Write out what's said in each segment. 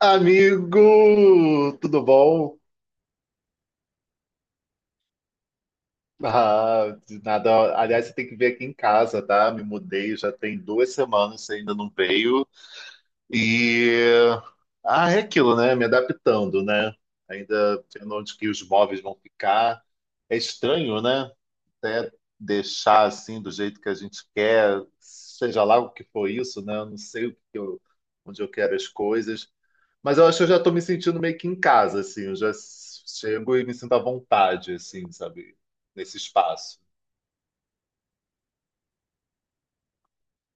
Amigo, tudo bom? Ah, de nada. Aliás, você tem que vir aqui em casa, tá? Me mudei já tem duas semanas, você ainda não veio. E É aquilo, né? Me adaptando, né? Ainda vendo onde que os móveis vão ficar. É estranho, né? Até deixar assim do jeito que a gente quer, seja lá o que for isso, né? Eu não sei o que eu- Onde eu quero as coisas. Mas eu acho que eu já estou me sentindo meio que em casa, assim. Eu já chego e me sinto à vontade, assim, sabe? Nesse espaço.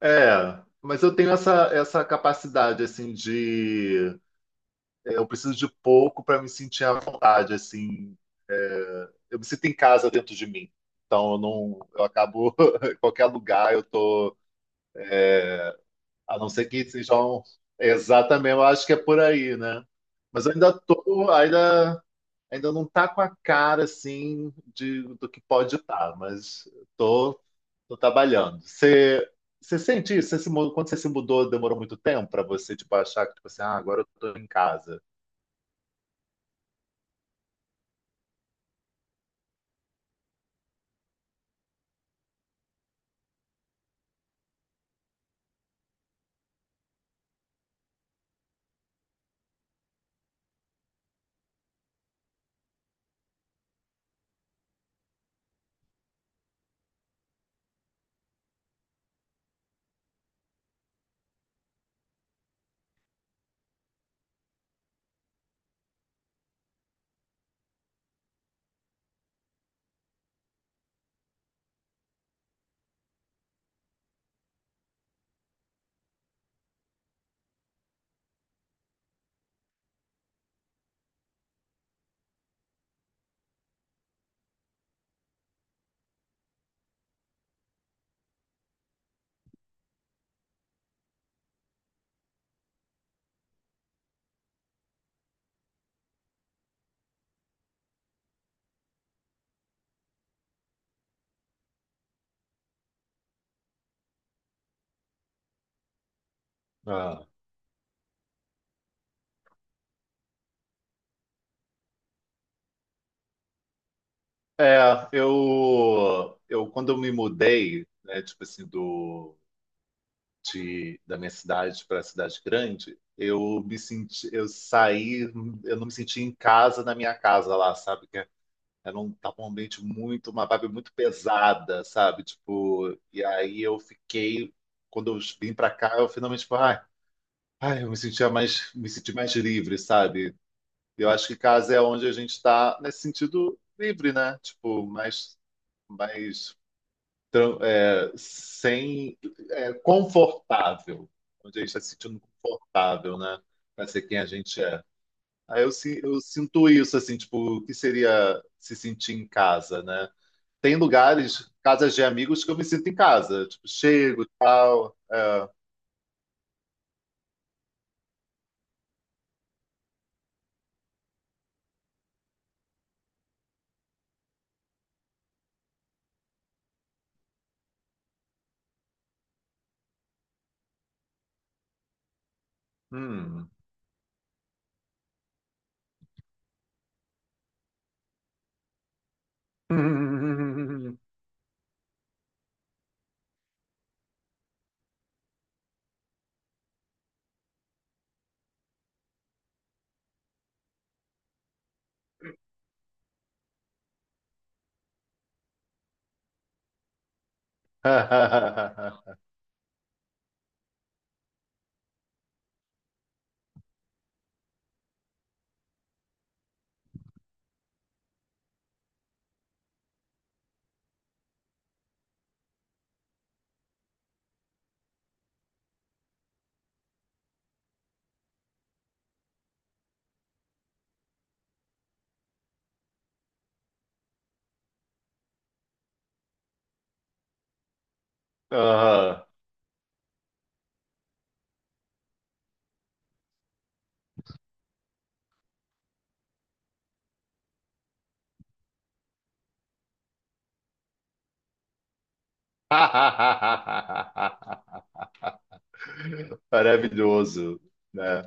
É, mas eu tenho essa capacidade, assim, de... Eu preciso de pouco para me sentir à vontade, assim. Eu me sinto em casa dentro de mim. Então eu não... Eu acabo... em qualquer lugar eu tô... A não ser que sejam... Exatamente, eu acho que é por aí, né? Mas eu ainda tô... Ainda não tá com a cara assim de, do que pode estar, mas tô, tô trabalhando. Você sente isso? Você se mu- Quando você se mudou, demorou muito tempo para você tipo, achar que tipo assim, ah, agora eu tô em casa. Ah, é, eu quando eu me mudei, né, tipo assim, da minha cidade para a cidade grande, eu me senti, eu saí, eu não me senti em casa na minha casa lá, sabe? Era um, tava um ambiente muito, uma vibe muito pesada, sabe? Tipo, e aí eu fiquei, quando eu vim pra cá, eu finalmente, tipo, ai, eu me sentia mais, me senti mais livre, sabe? Eu acho que casa é onde a gente tá nesse sentido livre, né? Tipo, mais, mais, tran- é, sem, é, confortável. Onde a gente tá se sentindo confortável, né? Pra ser quem a gente é. Eu sinto isso, assim, tipo, o que seria se sentir em casa, né? Tem lugares, casas de amigos, que eu me sinto em casa. Tipo, chego e tal. É. Hum. Aham. Maravilhoso, né?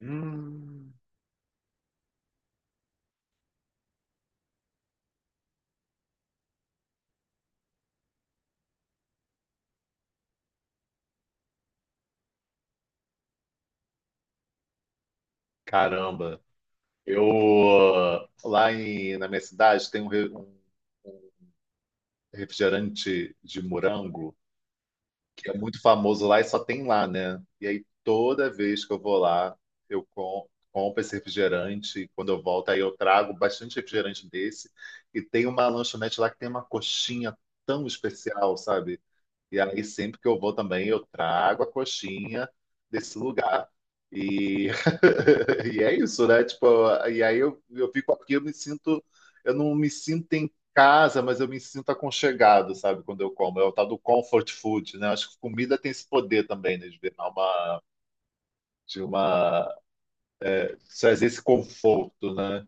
Hum. Caramba. Eu, lá em, na minha cidade, tem um refrigerante de morango que é muito famoso lá e só tem lá, né? E aí toda vez que eu vou lá, eu com- compro esse refrigerante e quando eu volto aí eu trago bastante refrigerante desse e tem uma lanchonete lá que tem uma coxinha tão especial, sabe? E aí, sempre que eu vou também, eu trago a coxinha desse lugar. E, e é isso, né? Tipo, e aí eu fico aqui, eu me sinto, eu não me sinto em casa, mas eu me sinto aconchegado, sabe? Quando eu como. É o tal do comfort food, né? Acho que comida tem esse poder também, né? De virar uma, de trazer esse conforto, né?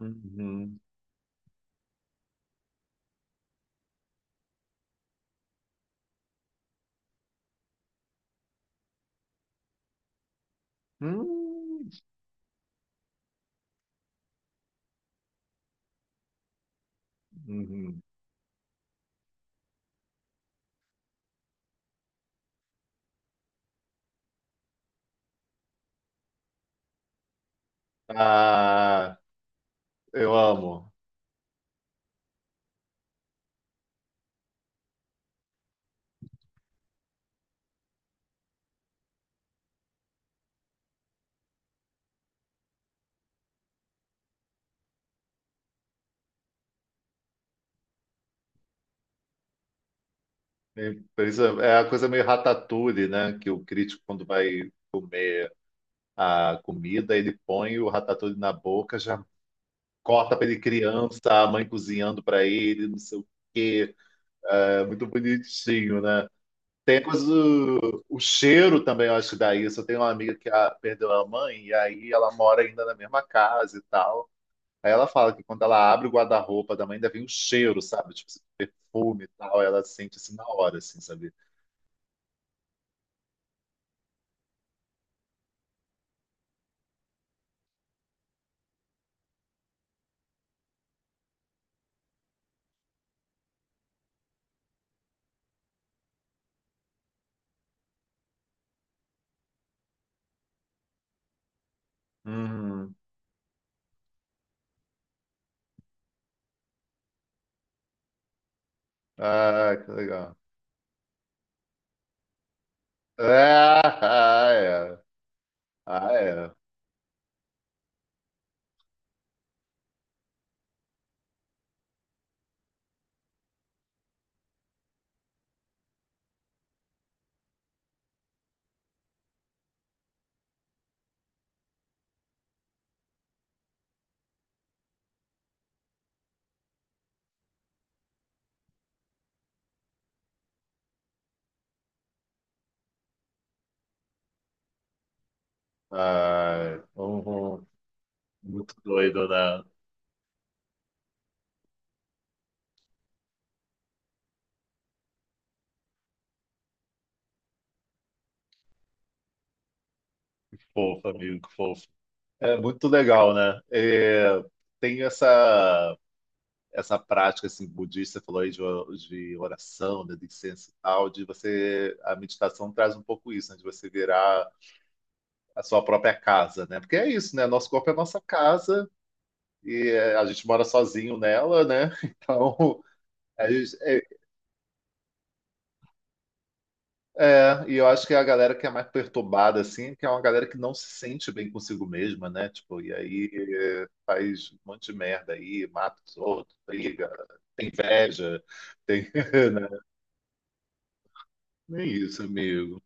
Uhum. Hum, uhum. Ah, eu amo. E por isso é a coisa meio ratatouille, né? Que o crítico, quando vai comer a comida, ele põe o ratatouille na boca, já corta para ele criança, a mãe cozinhando para ele, não sei o quê. É muito bonitinho, né? Tem a coisa do o cheiro também, eu acho que dá isso. Eu tenho uma amiga perdeu a mãe, e aí ela mora ainda na mesma casa e tal. Aí ela fala que quando ela abre o guarda-roupa da mãe, ainda vem o cheiro, sabe? Tipo, esse perfume e tal. Ela sente assim na hora, assim, sabe? Hum. Ah, que legal. Ah, é. Ah, é. Ah, é. Uhum. Muito doido, né? Que fofo, amigo, que fofo. É muito legal, né? É, tem essa prática assim, budista, você falou aí de oração, né, de incenso e tal, de você. A meditação traz um pouco isso, né, de você virar a sua própria casa, né? Porque é isso, né? Nosso corpo é nossa casa e é, a gente mora sozinho nela, né? Então. A gente, é, É, e eu acho que é a galera que é mais perturbada, assim, que é uma galera que não se sente bem consigo mesma, né? Tipo, e aí faz um monte de merda aí, mata os outros, briga, tem inveja, tem. né? É isso, amigo.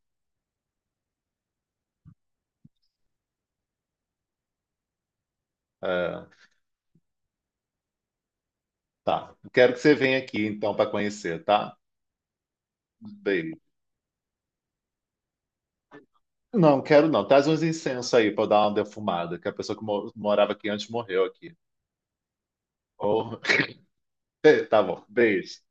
É, tá. Quero que você venha aqui, então, para conhecer, tá? Beijo. Não, quero não. Traz uns incensos aí para eu dar uma defumada, que a pessoa morava aqui antes morreu aqui. Oh. Tá bom, beijo.